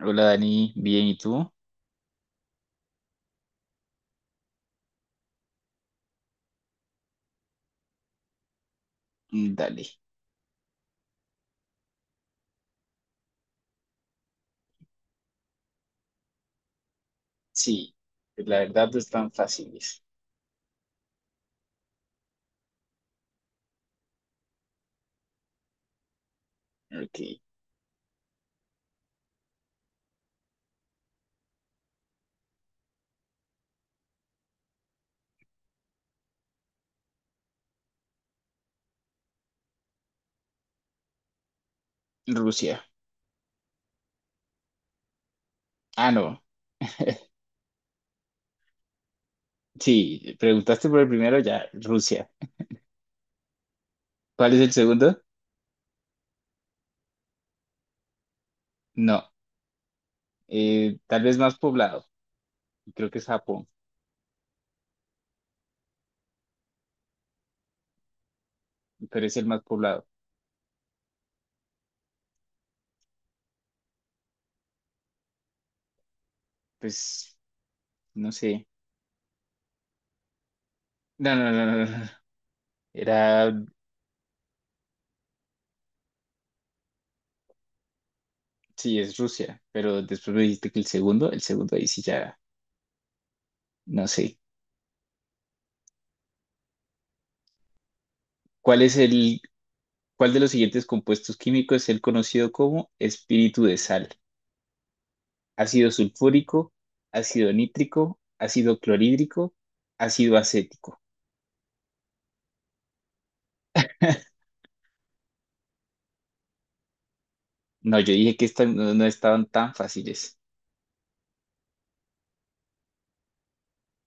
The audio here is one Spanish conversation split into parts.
Hola Dani, bien, ¿y tú? Dale. Sí, la verdad no es tan fácil. Ok. Rusia. Ah, no. Sí, preguntaste por el primero, ya, Rusia. ¿Cuál es el segundo? No. Tal vez más poblado. Creo que es Japón, pero es el más poblado. Pues, no sé. No, no, no, no, no, no. Era, sí, es Rusia, pero después me dijiste que el segundo ahí sí ya, no sé. ¿Cuál es el ¿Cuál de los siguientes compuestos químicos es el conocido como espíritu de sal? Ácido sulfúrico, ácido nítrico, ácido clorhídrico, ácido acético. No, yo dije que estas no estaban tan fáciles.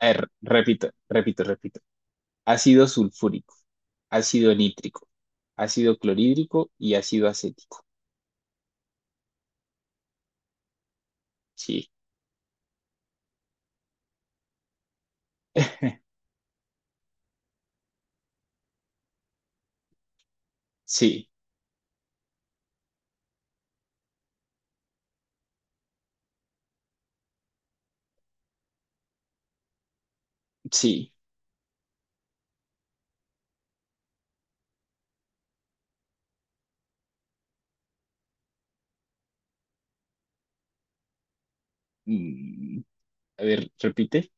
A ver, repito, repito, repito. Ácido sulfúrico, ácido nítrico, ácido clorhídrico y ácido acético. Sí, sí, sí. Mm, a ver, repite.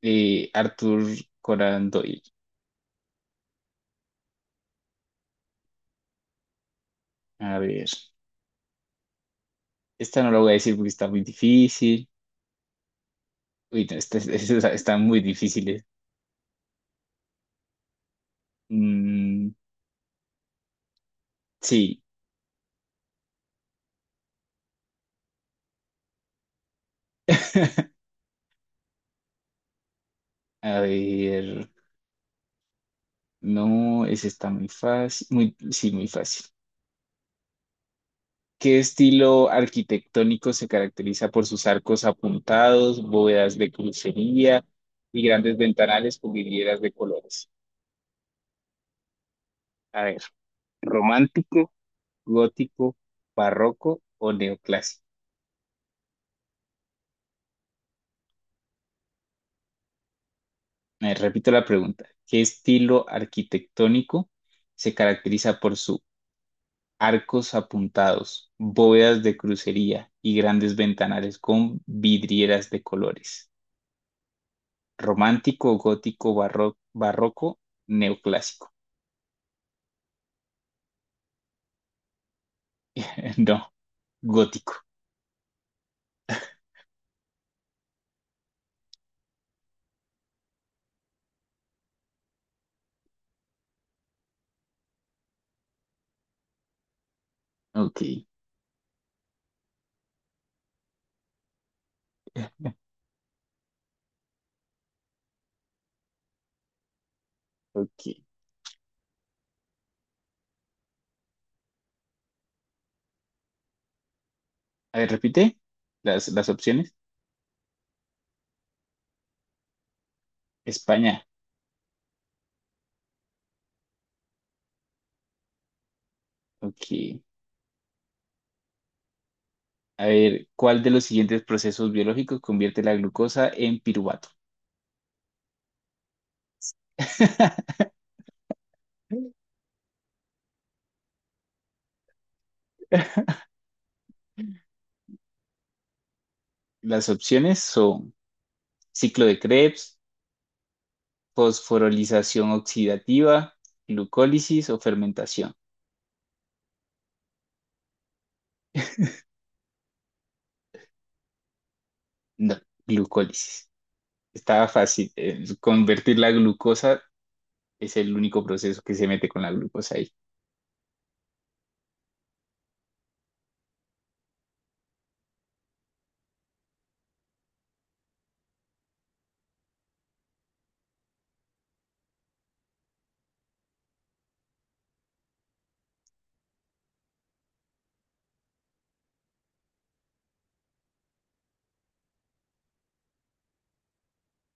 Arthur Conan Doyle. A ver. Esta no la voy a decir porque está muy difícil. Uy, no, está muy difíciles. Mm, sí. A ver. No, esa está muy fácil. Sí, muy fácil. ¿Qué estilo arquitectónico se caracteriza por sus arcos apuntados, bóvedas de crucería y grandes ventanales con vidrieras de colores? A ver, ¿romántico, gótico, barroco o neoclásico? Repito la pregunta. ¿Qué estilo arquitectónico se caracteriza por sus arcos apuntados, bóvedas de crucería y grandes ventanales con vidrieras de colores? ¿Romántico, gótico, barroco, neoclásico? No, gótico. Ok, ok. A ver, repite las opciones. España. Ok. A ver, ¿cuál de los siguientes procesos biológicos convierte la glucosa en piruvato? Las opciones son ciclo de Krebs, fosforilización oxidativa, glucólisis o fermentación. No, glucólisis. Estaba fácil. Convertir la glucosa es el único proceso que se mete con la glucosa ahí.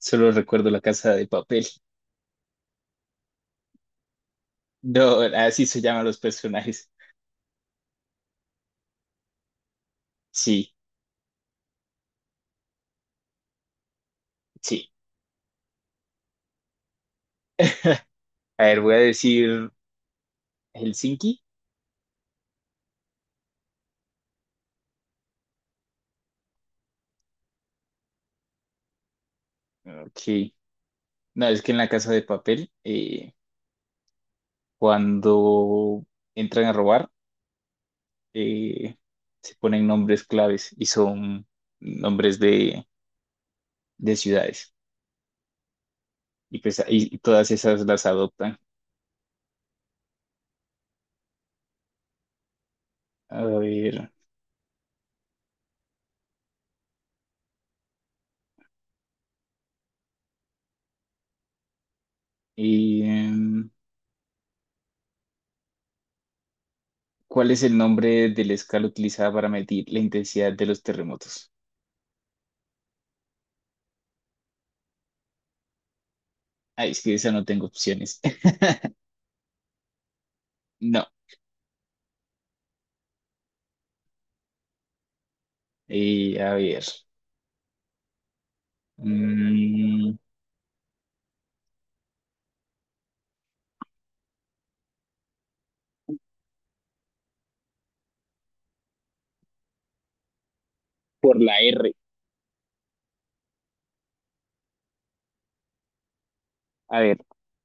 Solo recuerdo la casa de papel. No, así se llaman los personajes. Sí, sí. A ver, voy a decir Helsinki. Ok. No, es que en la casa de papel, cuando entran a robar, eh, se ponen nombres claves y son nombres de ciudades. Y pues ahí y todas esas las adoptan. A ver, y, em, ¿cuál es el nombre de la escala utilizada para medir la intensidad de los terremotos? Ay, es que esa no tengo opciones. No. A ver. Mm, por la R. A ver,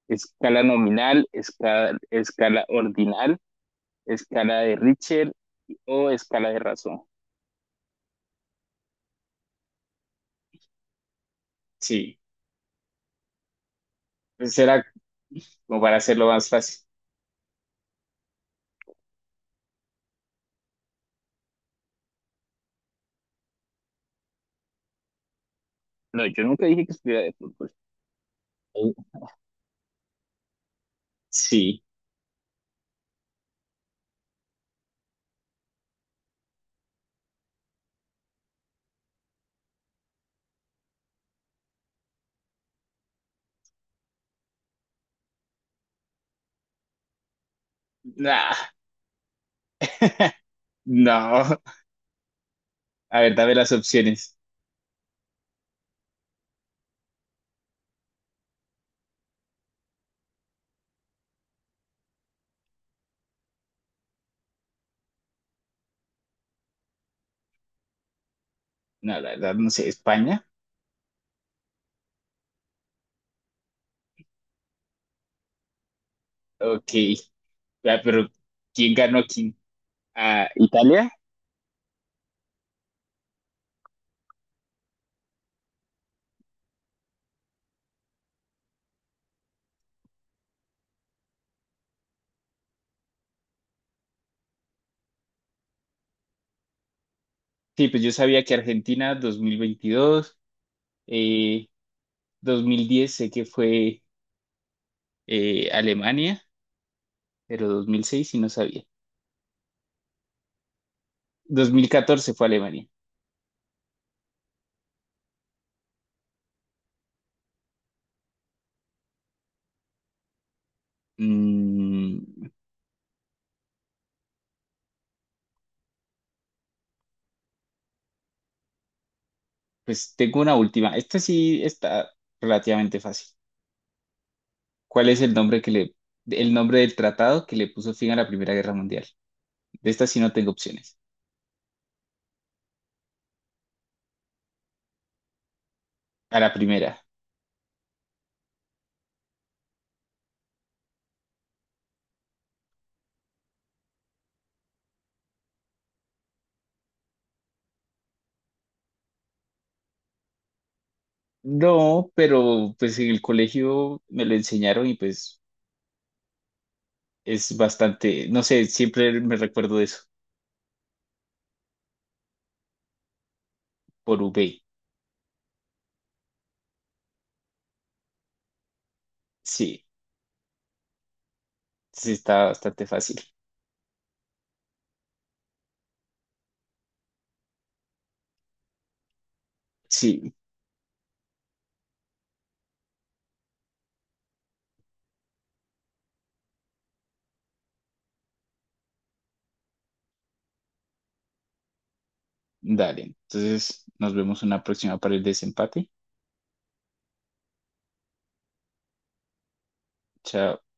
escala nominal, escala ordinal, escala de Richter o escala de razón. Sí, pues será como para hacerlo más fácil. No, yo nunca dije que estuviera de fútbol. Oh, sí. Nah. No. A ver, dame las opciones. No, la verdad, no sé. España. Ok. Ah, pero ¿quién ganó a quién? ¿A Italia? Sí, pues yo sabía que Argentina 2022, eh, 2010 sé que fue Alemania, pero 2006 sí no sabía. 2014 fue Alemania. Mm, pues tengo una última. Esta sí está relativamente fácil. ¿Cuál es el nombre que le, ¿el nombre del tratado que le puso fin a la Primera Guerra Mundial? De esta sí no tengo opciones. A la primera. No, pero pues en el colegio me lo enseñaron y pues es bastante, no sé, siempre me recuerdo de eso, por UB. Sí, sí está bastante fácil. Sí, dale. Entonces nos vemos en una próxima para el desempate. Chao.